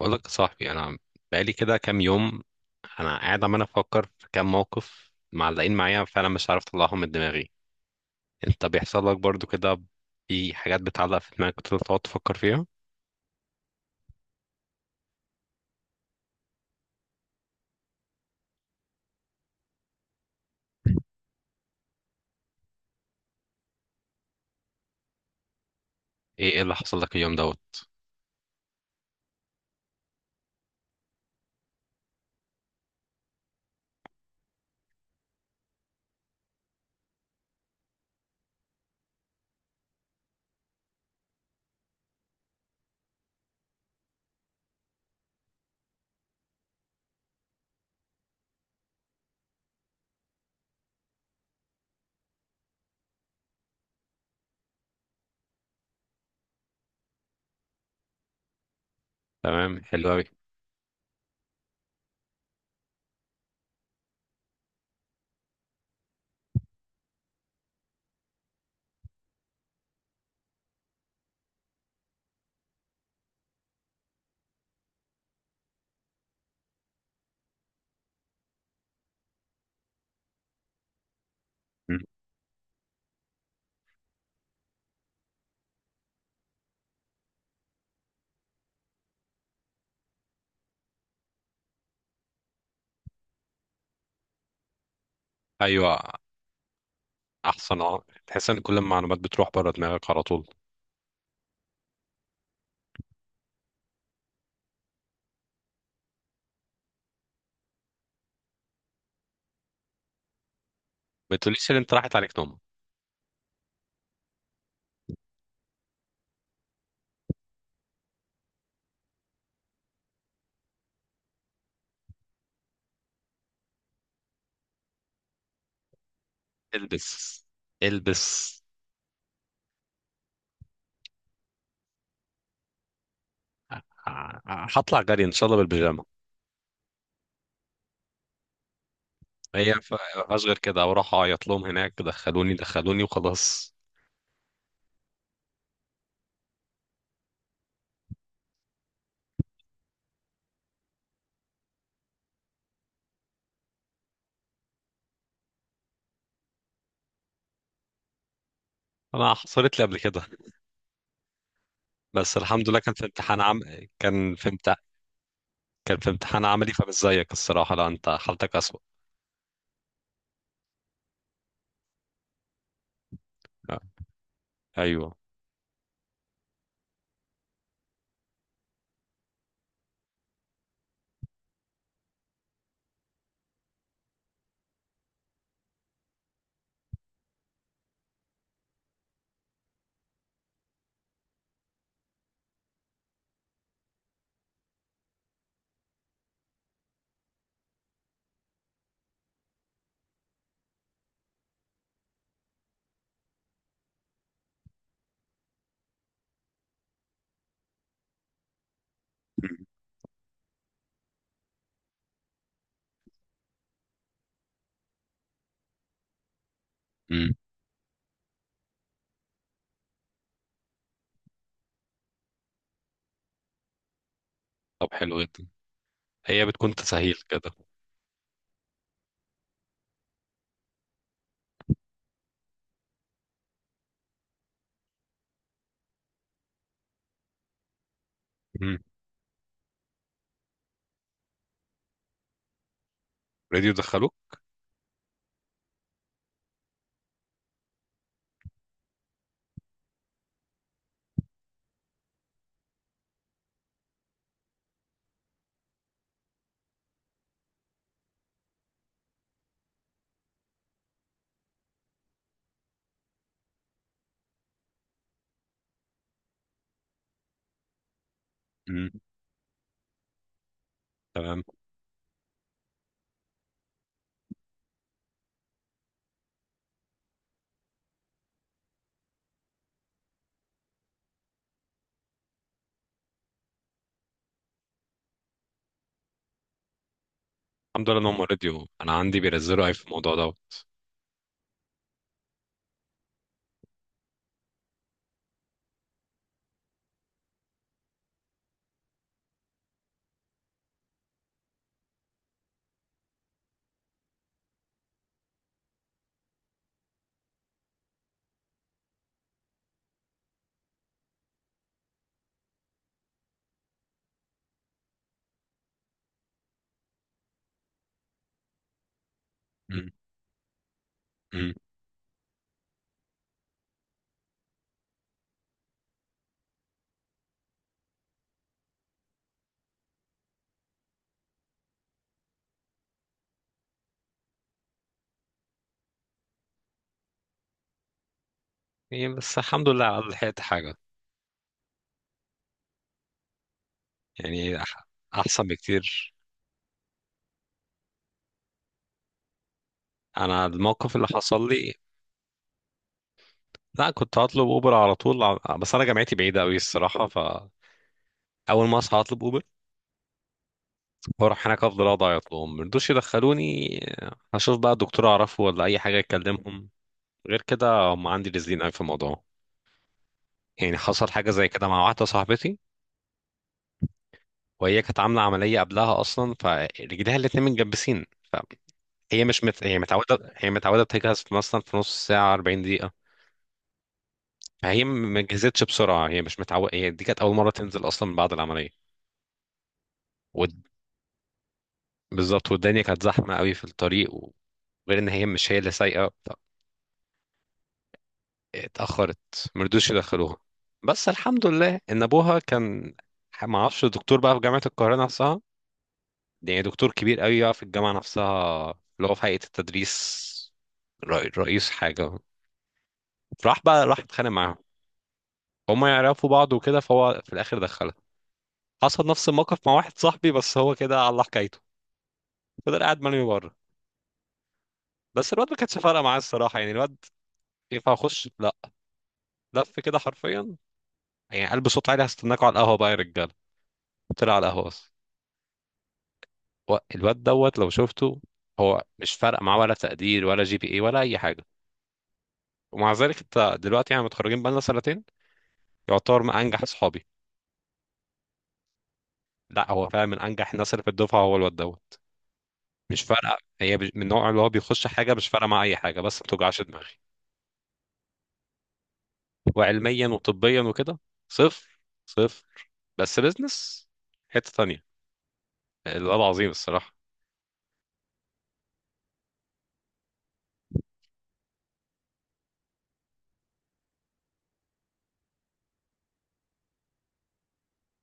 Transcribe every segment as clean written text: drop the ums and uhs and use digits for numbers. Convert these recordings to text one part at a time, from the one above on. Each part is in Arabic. بقول لك يا صاحبي، انا بقالي كده كام يوم. انا قاعد عمال افكر في كام موقف معلقين معايا فعلا، مش عارف اطلعهم من دماغي. انت بيحصل لك برضو كده؟ في حاجات بتعلق في دماغك وتفضل تقعد تفكر فيها؟ ايه اللي حصل لك اليوم دوت؟ تمام، حلو قوي. ايوه، احسن، تحس ان كل المعلومات بتروح بره دماغك على طول. ما تقوليش ان انت راحت عليك نوم. البس، البس! هطلع جري ان شاء الله بالبيجامه. هي اصغر كده واروح اعيط لهم هناك، دخلوني دخلوني وخلاص. انا حصلت لي قبل كده، بس الحمد لله كان في امتحان عم... كان في امت... كان في امتحان عملي، فمش زيك الصراحه، لا انت حالتك اسوأ. آه، ايوه. امم. طب حلو جدا. هي بتكون تسهيل كده. امم راديو دخلوه. امم، تمام، الحمد لله ان هم راديو انا عندي بينزلوا اي في الموضوع دوت. امم. امم. إيه، بس الحمد لله على الأقل لحقت حاجه. يعني احسن بكتير. انا الموقف اللي حصل لي، لا كنت هطلب اوبر على طول، بس انا جامعتي بعيده قوي الصراحه، ف اول ما اصحى هطلب اوبر واروح هناك، افضل اقعد اعيط لهم، مرضوش يدخلوني، هشوف بقى دكتور اعرفه ولا اي حاجه يكلمهم، غير كده هم عندي رزلين قوي في الموضوع. يعني حصل حاجه زي كده مع واحده صاحبتي، وهي كانت عامله عمليه قبلها اصلا، فرجليها الاتنين متجبسين. فهي مش مت... هي متعوده هي متعوده بتجهز في مثلا في نص ساعه، 40 دقيقه. فهي ما جهزتش بسرعه، هي مش متعوده، هي دي كانت اول مره تنزل اصلا من بعد العمليه. وال- بالظبط، والدنيا كانت زحمه قوي في الطريق غير ان هي مش هي اللي سايقه، اتأخرت، مرضوش يدخلوها. بس الحمد لله ان ابوها كان ما اعرفش دكتور بقى في جامعة القاهرة نفسها، يعني دكتور كبير قوي بقى في الجامعة نفسها، اللي هو في هيئة التدريس، رئيس حاجة. راح بقى، راح اتخانق معاهم، هما يعرفوا بعض وكده، فهو في الاخر دخلها. حصل نفس الموقف مع واحد صاحبي، بس هو كده على الله حكايته، فضل قاعد مرمي بره. بس الواد ما كانتش فارقه معاه الصراحه، يعني الواد ينفع اخش؟ لا، لف كده حرفيا، يعني قلب صوت عالي: هستناكوا على القهوه بقى يا رجاله. طلع على القهوه بس. الواد دوت لو شفته، هو مش فارق معاه ولا تقدير ولا جي بي اي ولا اي حاجه. ومع ذلك انت دلوقتي، يعني متخرجين بقالنا سنتين، يعتبر من انجح اصحابي. لا، هو فعلا من انجح الناس اللي في الدفعه، هو الواد دوت. مش فارقه، هي من النوع اللي هو بيخش حاجه مش فارقه معاه اي حاجه، بس ما توجعش دماغي. وعلميا وطبيا وكده صفر، صفر. بس بيزنس حته تانية، الواد عظيم الصراحه.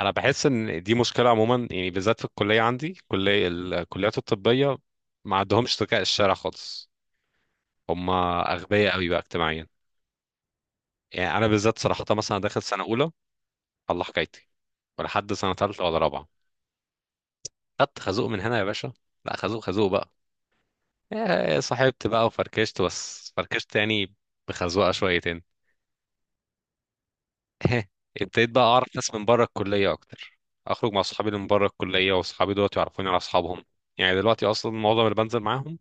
انا بحس ان دي مشكله عموما، يعني بالذات في الكليه عندي، كليه، الكليات الطبيه ما عندهمش ذكاء الشارع خالص، هم اغبياء قوي بقى اجتماعيا. يعني انا بالذات صراحه مثلا، داخل سنه اولى، الله حكايتي، ولحد سنه ثالثه ولا رابعه، خدت خازوق من هنا يا باشا. لا، خازوق، خازوق بقى. إيه، صاحبت بقى وفركشت، بس فركشت يعني، بخزوقه شويتين. ابتديت بقى اعرف ناس من بره الكليه اكتر، اخرج مع اصحابي اللي من بره الكليه، واصحابي دلوقتي يعرفوني على اصحابهم. يعني دلوقتي اصلا معظم اللي بنزل معاهم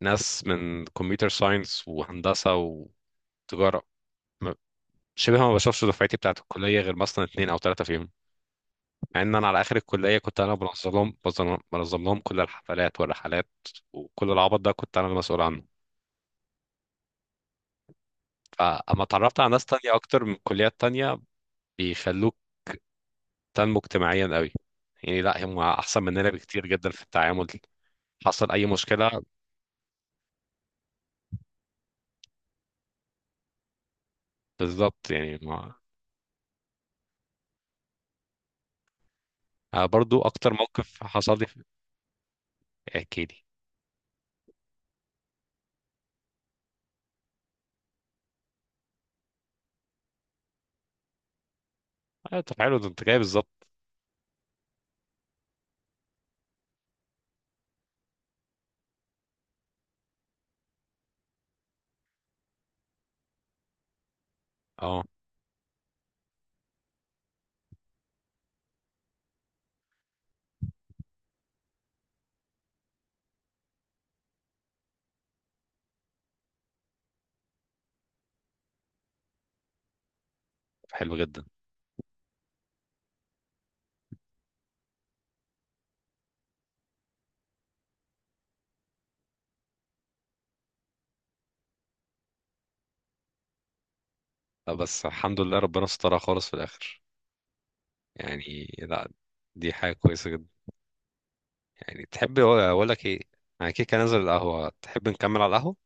ناس من كمبيوتر ساينس وهندسه وتجاره، م- شبه ما بشوفش دفعتي بتاعت الكليه غير مثلا اتنين او تلاته فيهم. مع ان انا على اخر الكليه كنت انا بنظم لهم كل الحفلات والرحلات، وكل العبط ده كنت انا المسؤول عنه. فاما اتعرفت على ناس تانية اكتر من كليات تانية، بيخلوك تنمو اجتماعيا قوي، يعني لا هم احسن مننا بكتير جدا في التعامل. حصل اي مشكله بالظبط، يعني ما. برضو اكتر موقف حصل لي احكي لي. طب حلو، ده انت جاي بالظبط. اه طب حلو جدا. بس الحمد لله ربنا سترها خالص في الاخر، يعني لا، دي حاجه كويسه جدا. يعني تحب اقول لك ايه، انا كده كده نازل القهوة، تحب نكمل على القهوة؟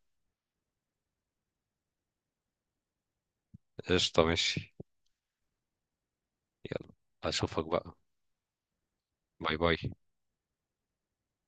قشطة، ماشي. يلا. اشوفك بقى. باي باي.